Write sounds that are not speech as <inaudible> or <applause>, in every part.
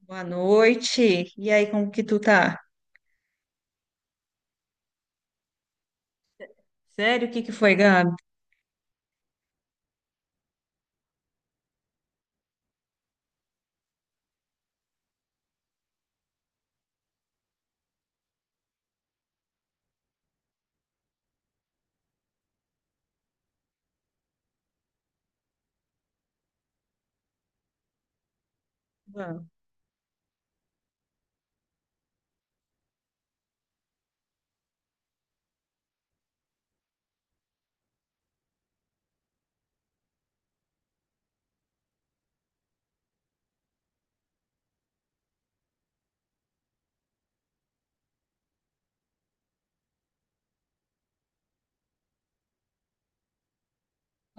Boa noite. E aí, como que tu tá? Sério, o que que foi, Gabi? Ah.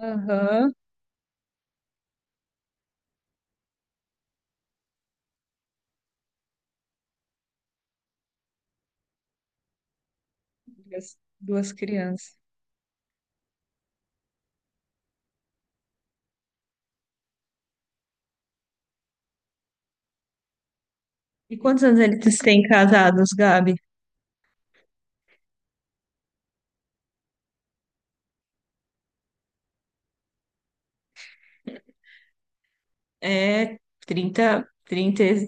Aham. Duas crianças. E quantos anos eles têm casados, Gabi? É trinta trinta e-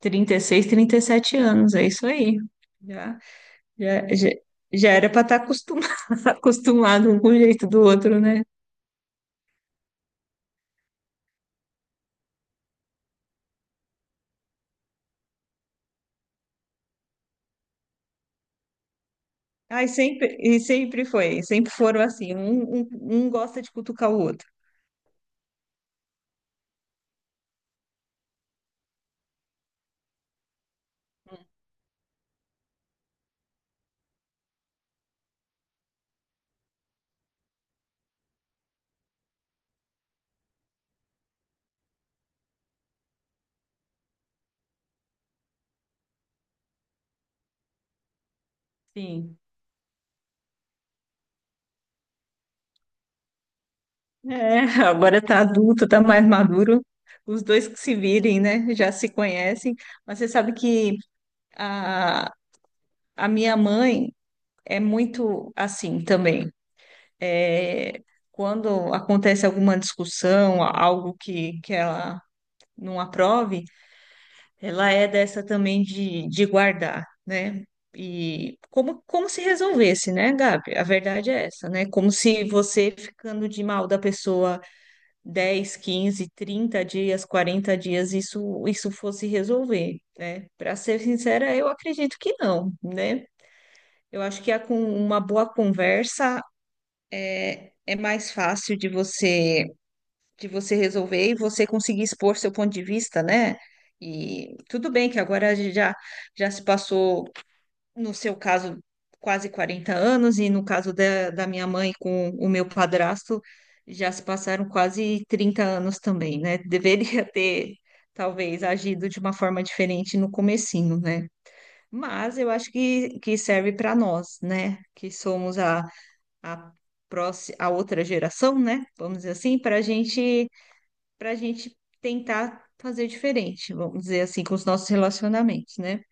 36, 37 anos, é isso aí. Já, já, já, já era para estar acostumado, <laughs> acostumado um com o jeito do outro, né? Ai, sempre, e sempre foi, sempre foram assim, um gosta de cutucar o outro. Sim. É, agora tá adulto, tá mais maduro. Os dois que se virem, né? Já se conhecem. Mas você sabe que a, a minha mãe é muito assim também. É, quando acontece alguma discussão, algo que ela não aprove, ela é dessa também de guardar, né? E como se resolvesse, né, Gabi? A verdade é essa, né? Como se você ficando de mal da pessoa 10, 15, 30 dias, 40 dias isso fosse resolver, né? Para ser sincera, eu acredito que não, né? Eu acho que a, com uma boa conversa é mais fácil de você resolver e você conseguir expor seu ponto de vista, né? E tudo bem que agora já se passou no seu caso, quase 40 anos, e no caso da minha mãe com o meu padrasto, já se passaram quase 30 anos também, né? <laughs> Deveria ter, talvez, agido de uma forma diferente no comecinho, né? Mas eu acho que serve para nós, né? Que somos a, próxima, a outra geração, né? Vamos dizer assim, para gente tentar fazer diferente, vamos dizer assim, com os nossos relacionamentos, né?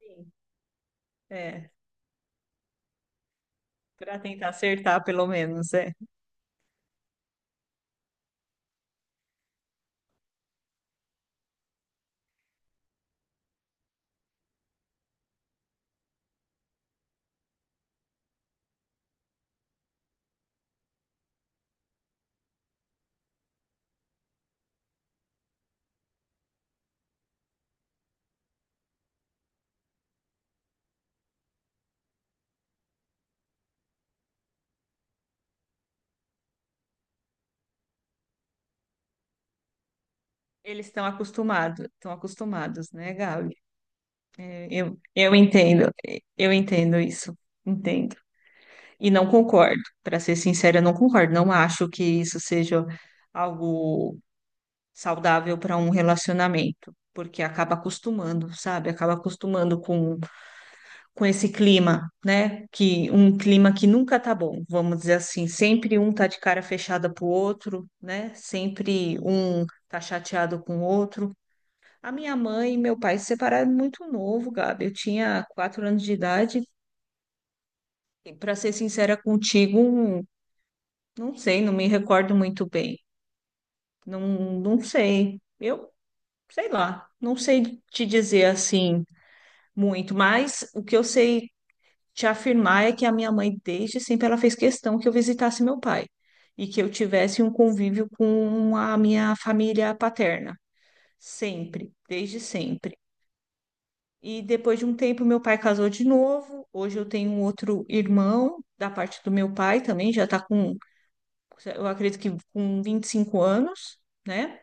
Sim. É, para tentar acertar, pelo menos, é. Eles estão acostumados, né, Gabi? É, eu entendo, eu entendo isso, entendo. E não concordo, para ser sincera, eu não concordo. Não acho que isso seja algo saudável para um relacionamento, porque acaba acostumando, sabe? Acaba acostumando com esse clima, né? Que um clima que nunca tá bom, vamos dizer assim, sempre um tá de cara fechada pro outro, né? Sempre um tá chateado com o outro. A minha mãe e meu pai se separaram muito novo, Gabi. Eu tinha 4 anos de idade. Para ser sincera contigo, não sei, não me recordo muito bem. Não, não sei. Eu sei lá, não sei te dizer assim muito, mas o que eu sei te afirmar é que a minha mãe, desde sempre, ela fez questão que eu visitasse meu pai e que eu tivesse um convívio com a minha família paterna, sempre, desde sempre. E depois de um tempo, meu pai casou de novo. Hoje eu tenho um outro irmão da parte do meu pai também, já está com, eu acredito que com 25 anos, né?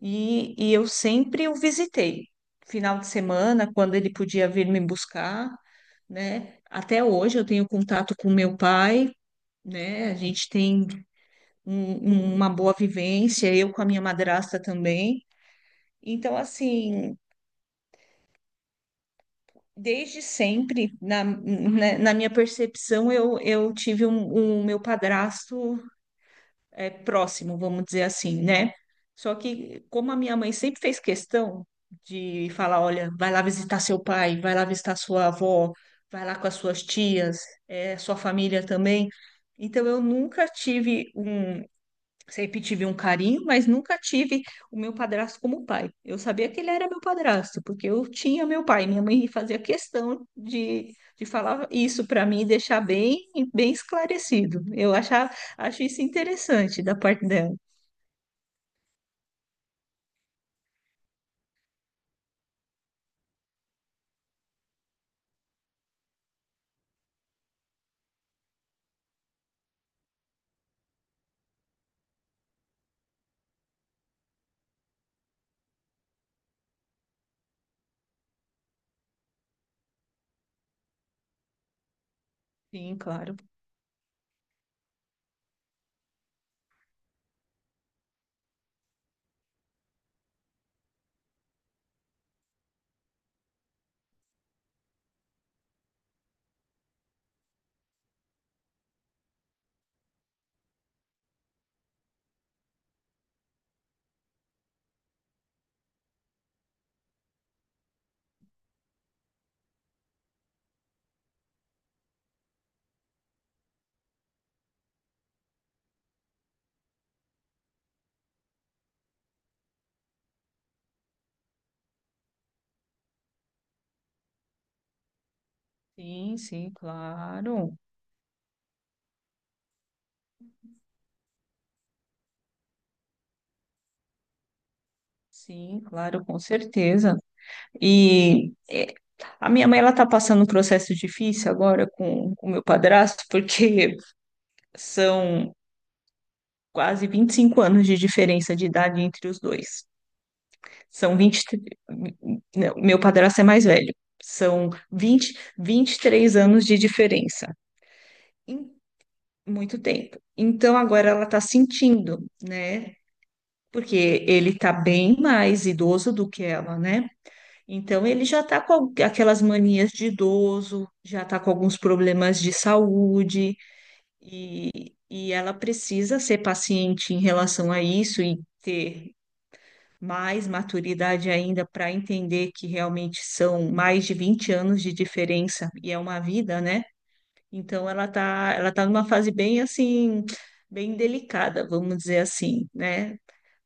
E eu sempre o visitei. Final de semana, quando ele podia vir me buscar, né? Até hoje eu tenho contato com meu pai, né? A gente tem uma boa vivência, eu com a minha madrasta também. Então, assim, desde sempre, na, né, na minha percepção, eu tive um meu padrasto é, próximo, vamos dizer assim, né? Só que, como a minha mãe sempre fez questão de falar: olha, vai lá visitar seu pai, vai lá visitar sua avó, vai lá com as suas tias, é, sua família também. Então, eu nunca tive. Sempre tive um carinho, mas nunca tive o meu padrasto como pai. Eu sabia que ele era meu padrasto, porque eu tinha meu pai. Minha mãe fazia questão de falar isso para mim, e deixar bem, bem esclarecido. Eu achava, acho isso interessante da parte dela. Sim, claro. Sim, sim, claro. Sim, claro, com certeza. E é, a minha mãe ela está passando um processo difícil agora com o meu padrasto, porque são quase 25 anos de diferença de idade entre os dois. São 20 Não, meu padrasto é mais velho. São vinte e três anos de diferença. Em muito tempo. Então agora ela tá sentindo, né? Porque ele tá bem mais idoso do que ela, né? Então ele já tá com aquelas manias de idoso, já tá com alguns problemas de saúde e, e ela precisa ser paciente em relação a isso e ter mais maturidade ainda para entender que realmente são mais de 20 anos de diferença e é uma vida, né? Então ela tá numa fase bem assim, bem delicada, vamos dizer assim, né?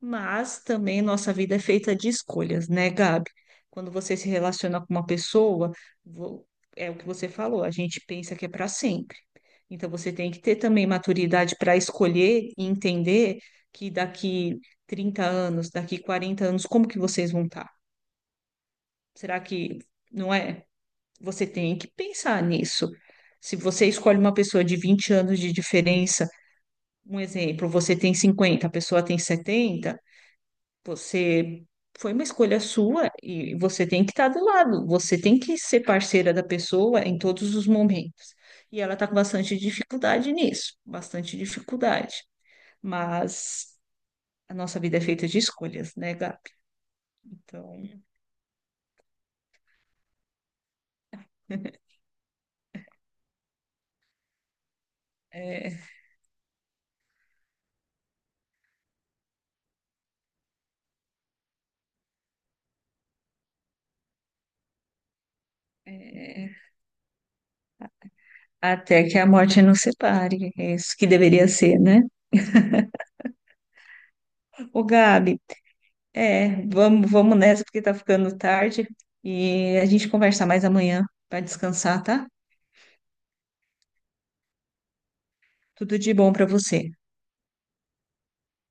Mas também nossa vida é feita de escolhas, né, Gabi? Quando você se relaciona com uma pessoa, vo- é o que você falou, a gente pensa que é para sempre. Então você tem que ter também maturidade para escolher e entender que daqui 30 anos, daqui 40 anos, como que vocês vão estar? Será que não é? Você tem que pensar nisso. Se você escolhe uma pessoa de 20 anos de diferença, um exemplo, você tem 50, a pessoa tem 70. Você foi uma escolha sua e você tem que estar do lado, você tem que ser parceira da pessoa em todos os momentos. E ela está com bastante dificuldade nisso, bastante dificuldade. Mas a nossa vida é feita de escolhas, né, Gabi? Então, <laughs> é, é, até que a morte nos separe, é isso que deveria ser, né? Ô, Gabi, é, vamos, vamos nessa porque tá ficando tarde e a gente conversa mais amanhã para descansar, tá? Tudo de bom para você.